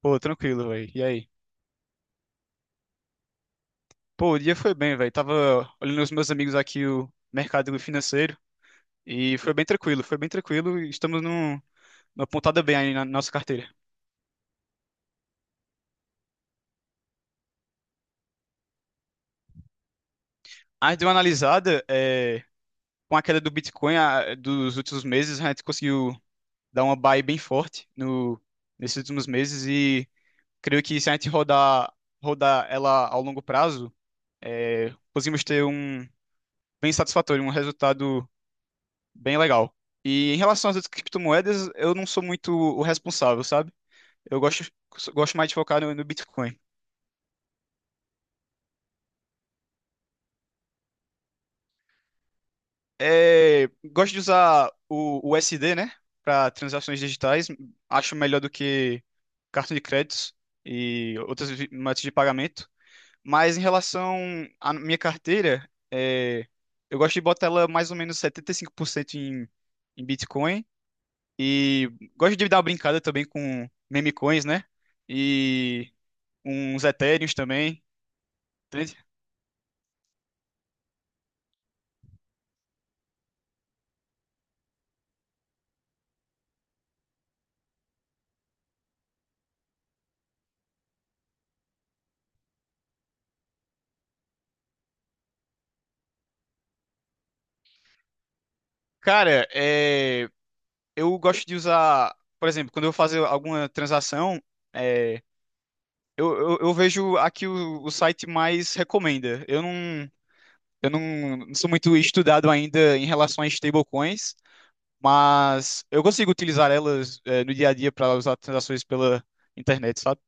Pô, tranquilo, velho. E aí? Pô, o dia foi bem, velho. Tava olhando os meus amigos aqui o mercado financeiro e foi bem tranquilo, foi bem tranquilo. Estamos numa pontada bem aí na nossa carteira. A gente deu uma analisada, com a queda do Bitcoin dos últimos meses. A gente conseguiu dar uma buy bem forte no, nesses últimos meses. E creio que se a gente rodar ela ao longo prazo, conseguimos ter um bem satisfatório, um resultado bem legal. E em relação às outras criptomoedas, eu não sou muito o responsável, sabe? Eu gosto, Gosto mais de focar no Bitcoin. Gosto de usar o USD, né, para transações digitais. Acho melhor do que cartão de créditos e outras métodos de pagamento. Mas em relação à minha carteira, eu gosto de botar ela mais ou menos 75% em Bitcoin. E gosto de dar uma brincada também com meme coins, né? E uns etéreos também, entende? Cara, eu gosto de usar, por exemplo, quando eu vou fazer alguma transação, é, eu vejo aqui o site mais recomenda. Eu não sou muito estudado ainda em relação a stablecoins, mas eu consigo utilizar elas, no dia a dia para usar transações pela internet, sabe?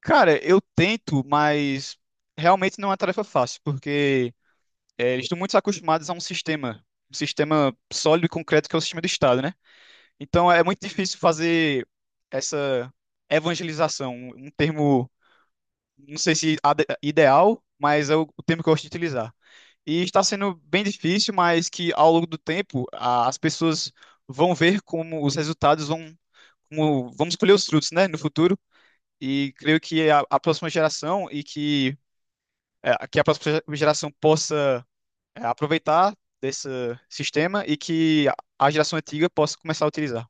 Cara, eu tento, mas realmente não é uma tarefa fácil, porque eles estão muito acostumados a um sistema sólido e concreto que é o sistema do Estado, né? Então é muito difícil fazer essa evangelização, um termo, não sei se ideal, mas é o termo que eu gosto de utilizar. E está sendo bem difícil, mas que ao longo do tempo as pessoas vão ver como os resultados vão, como, vamos colher os frutos, né, no futuro. E creio que a próxima geração e que, que a próxima geração possa aproveitar desse sistema e que a geração antiga possa começar a utilizar.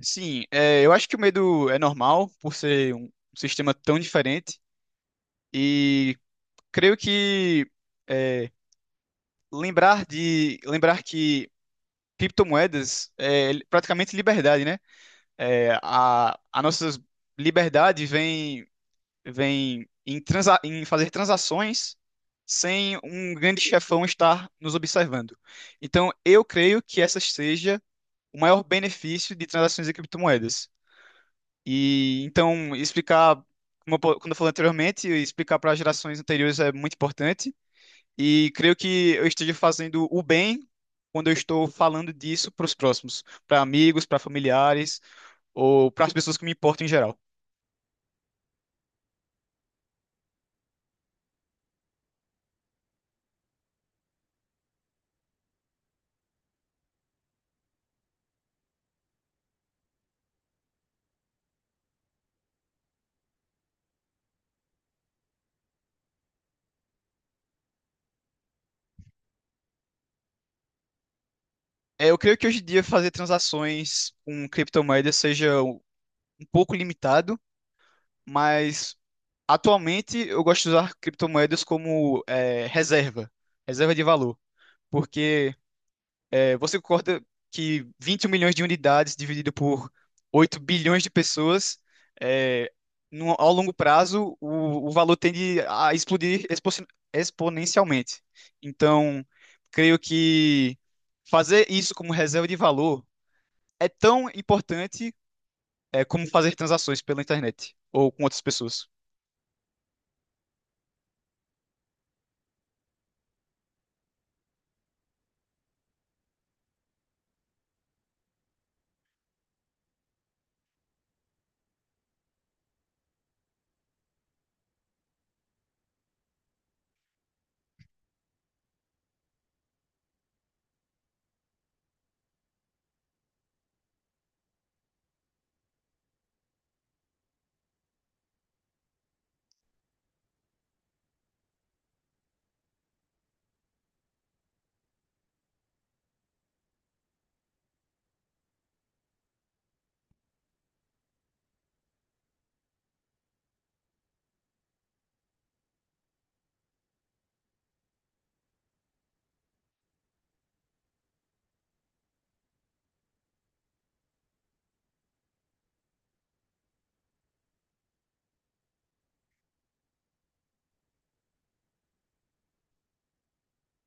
Sim, Eu acho que o medo é normal por ser um sistema tão diferente e creio que é, lembrar de lembrar que criptomoedas é praticamente liberdade, né? A nossa liberdade vem em, transa em fazer transações sem um grande chefão estar nos observando. Então, eu creio que essa seja o maior benefício de transações em criptomoedas. E então, explicar, como eu, quando eu falei anteriormente, explicar para gerações anteriores é muito importante. E creio que eu esteja fazendo o bem quando eu estou falando disso para os próximos, para amigos, para familiares ou para as pessoas que me importam em geral. Eu creio que hoje em dia fazer transações com criptomoedas seja um pouco limitado, mas atualmente eu gosto de usar criptomoedas como reserva de valor, porque você concorda que 21 milhões de unidades dividido por 8 bilhões de pessoas, é, ao longo prazo o valor tende a explodir exponencialmente. Então, creio que fazer isso como reserva de valor é tão importante como fazer transações pela internet ou com outras pessoas.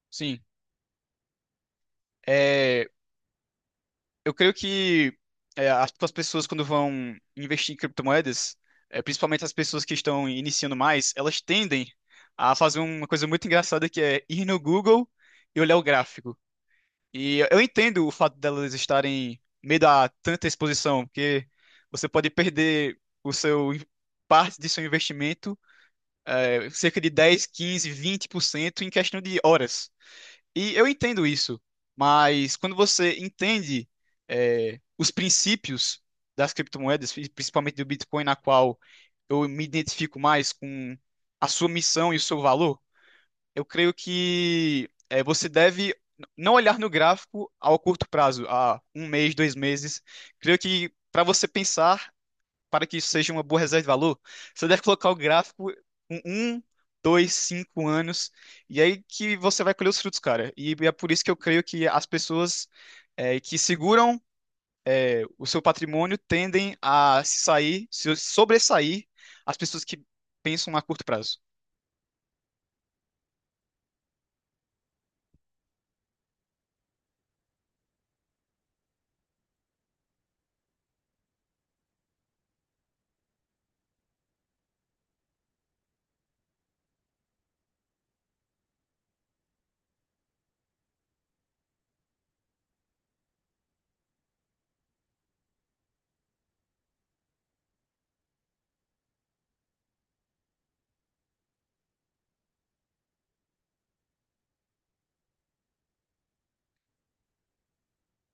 Sim, é, eu creio que as tipo, as pessoas quando vão investir em criptomoedas, principalmente as pessoas que estão iniciando mais, elas tendem a fazer uma coisa muito engraçada que é ir no Google e olhar o gráfico. E eu entendo o fato delas estarem meio a tanta exposição, porque você pode perder o seu parte de seu investimento cerca de 10, 15, 20% em questão de horas. E eu entendo isso, mas quando você entende os princípios das criptomoedas, e principalmente do Bitcoin, na qual eu me identifico mais com a sua missão e o seu valor, eu creio que você deve não olhar no gráfico ao curto prazo, a um mês, 2 meses. Creio que para você pensar para que isso seja uma boa reserva de valor, você deve colocar o gráfico com um, dois, cinco anos, e aí que você vai colher os frutos, cara. E é por isso que eu creio que as pessoas que seguram o seu patrimônio tendem a se sobressair as pessoas que pensam a curto prazo.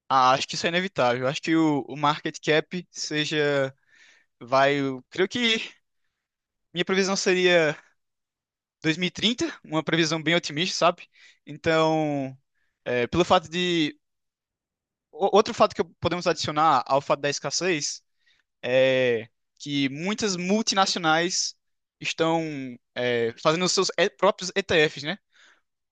Ah, acho que isso é inevitável. Acho que o market cap eu creio que minha previsão seria 2030, uma previsão bem otimista, sabe? Então, pelo fato de O- Outro fato que podemos adicionar ao fato da escassez é que muitas multinacionais estão fazendo os seus próprios ETFs, né?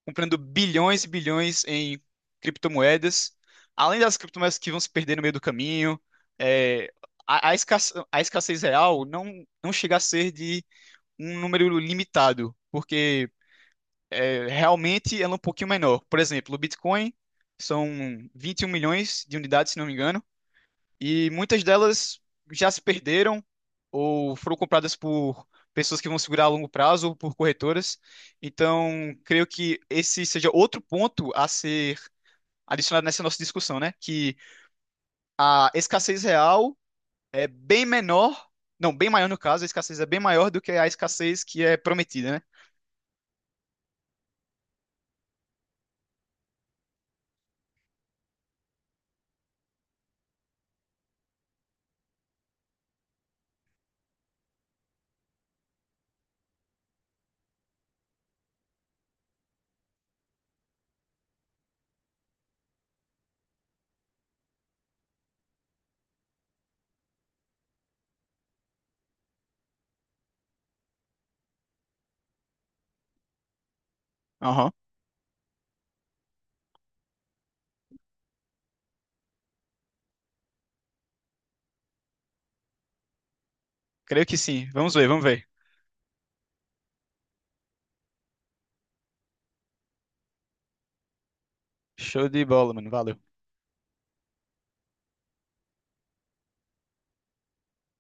Comprando bilhões e bilhões em criptomoedas, além das criptomoedas que vão se perder no meio do caminho. é, a escassez real não chega a ser de um número limitado, porque realmente ela é um pouquinho menor. Por exemplo, o Bitcoin são 21 milhões de unidades, se não me engano. E muitas delas já se perderam ou foram compradas por pessoas que vão segurar a longo prazo ou por corretoras. Então, creio que esse seja outro ponto a ser adicionado nessa nossa discussão, né? Que a escassez real é bem menor, não, bem maior no caso, a escassez é bem maior do que a escassez que é prometida, né? Aham. Creio que sim. Vamos ver, vamos ver. Show de bola, mano. Valeu.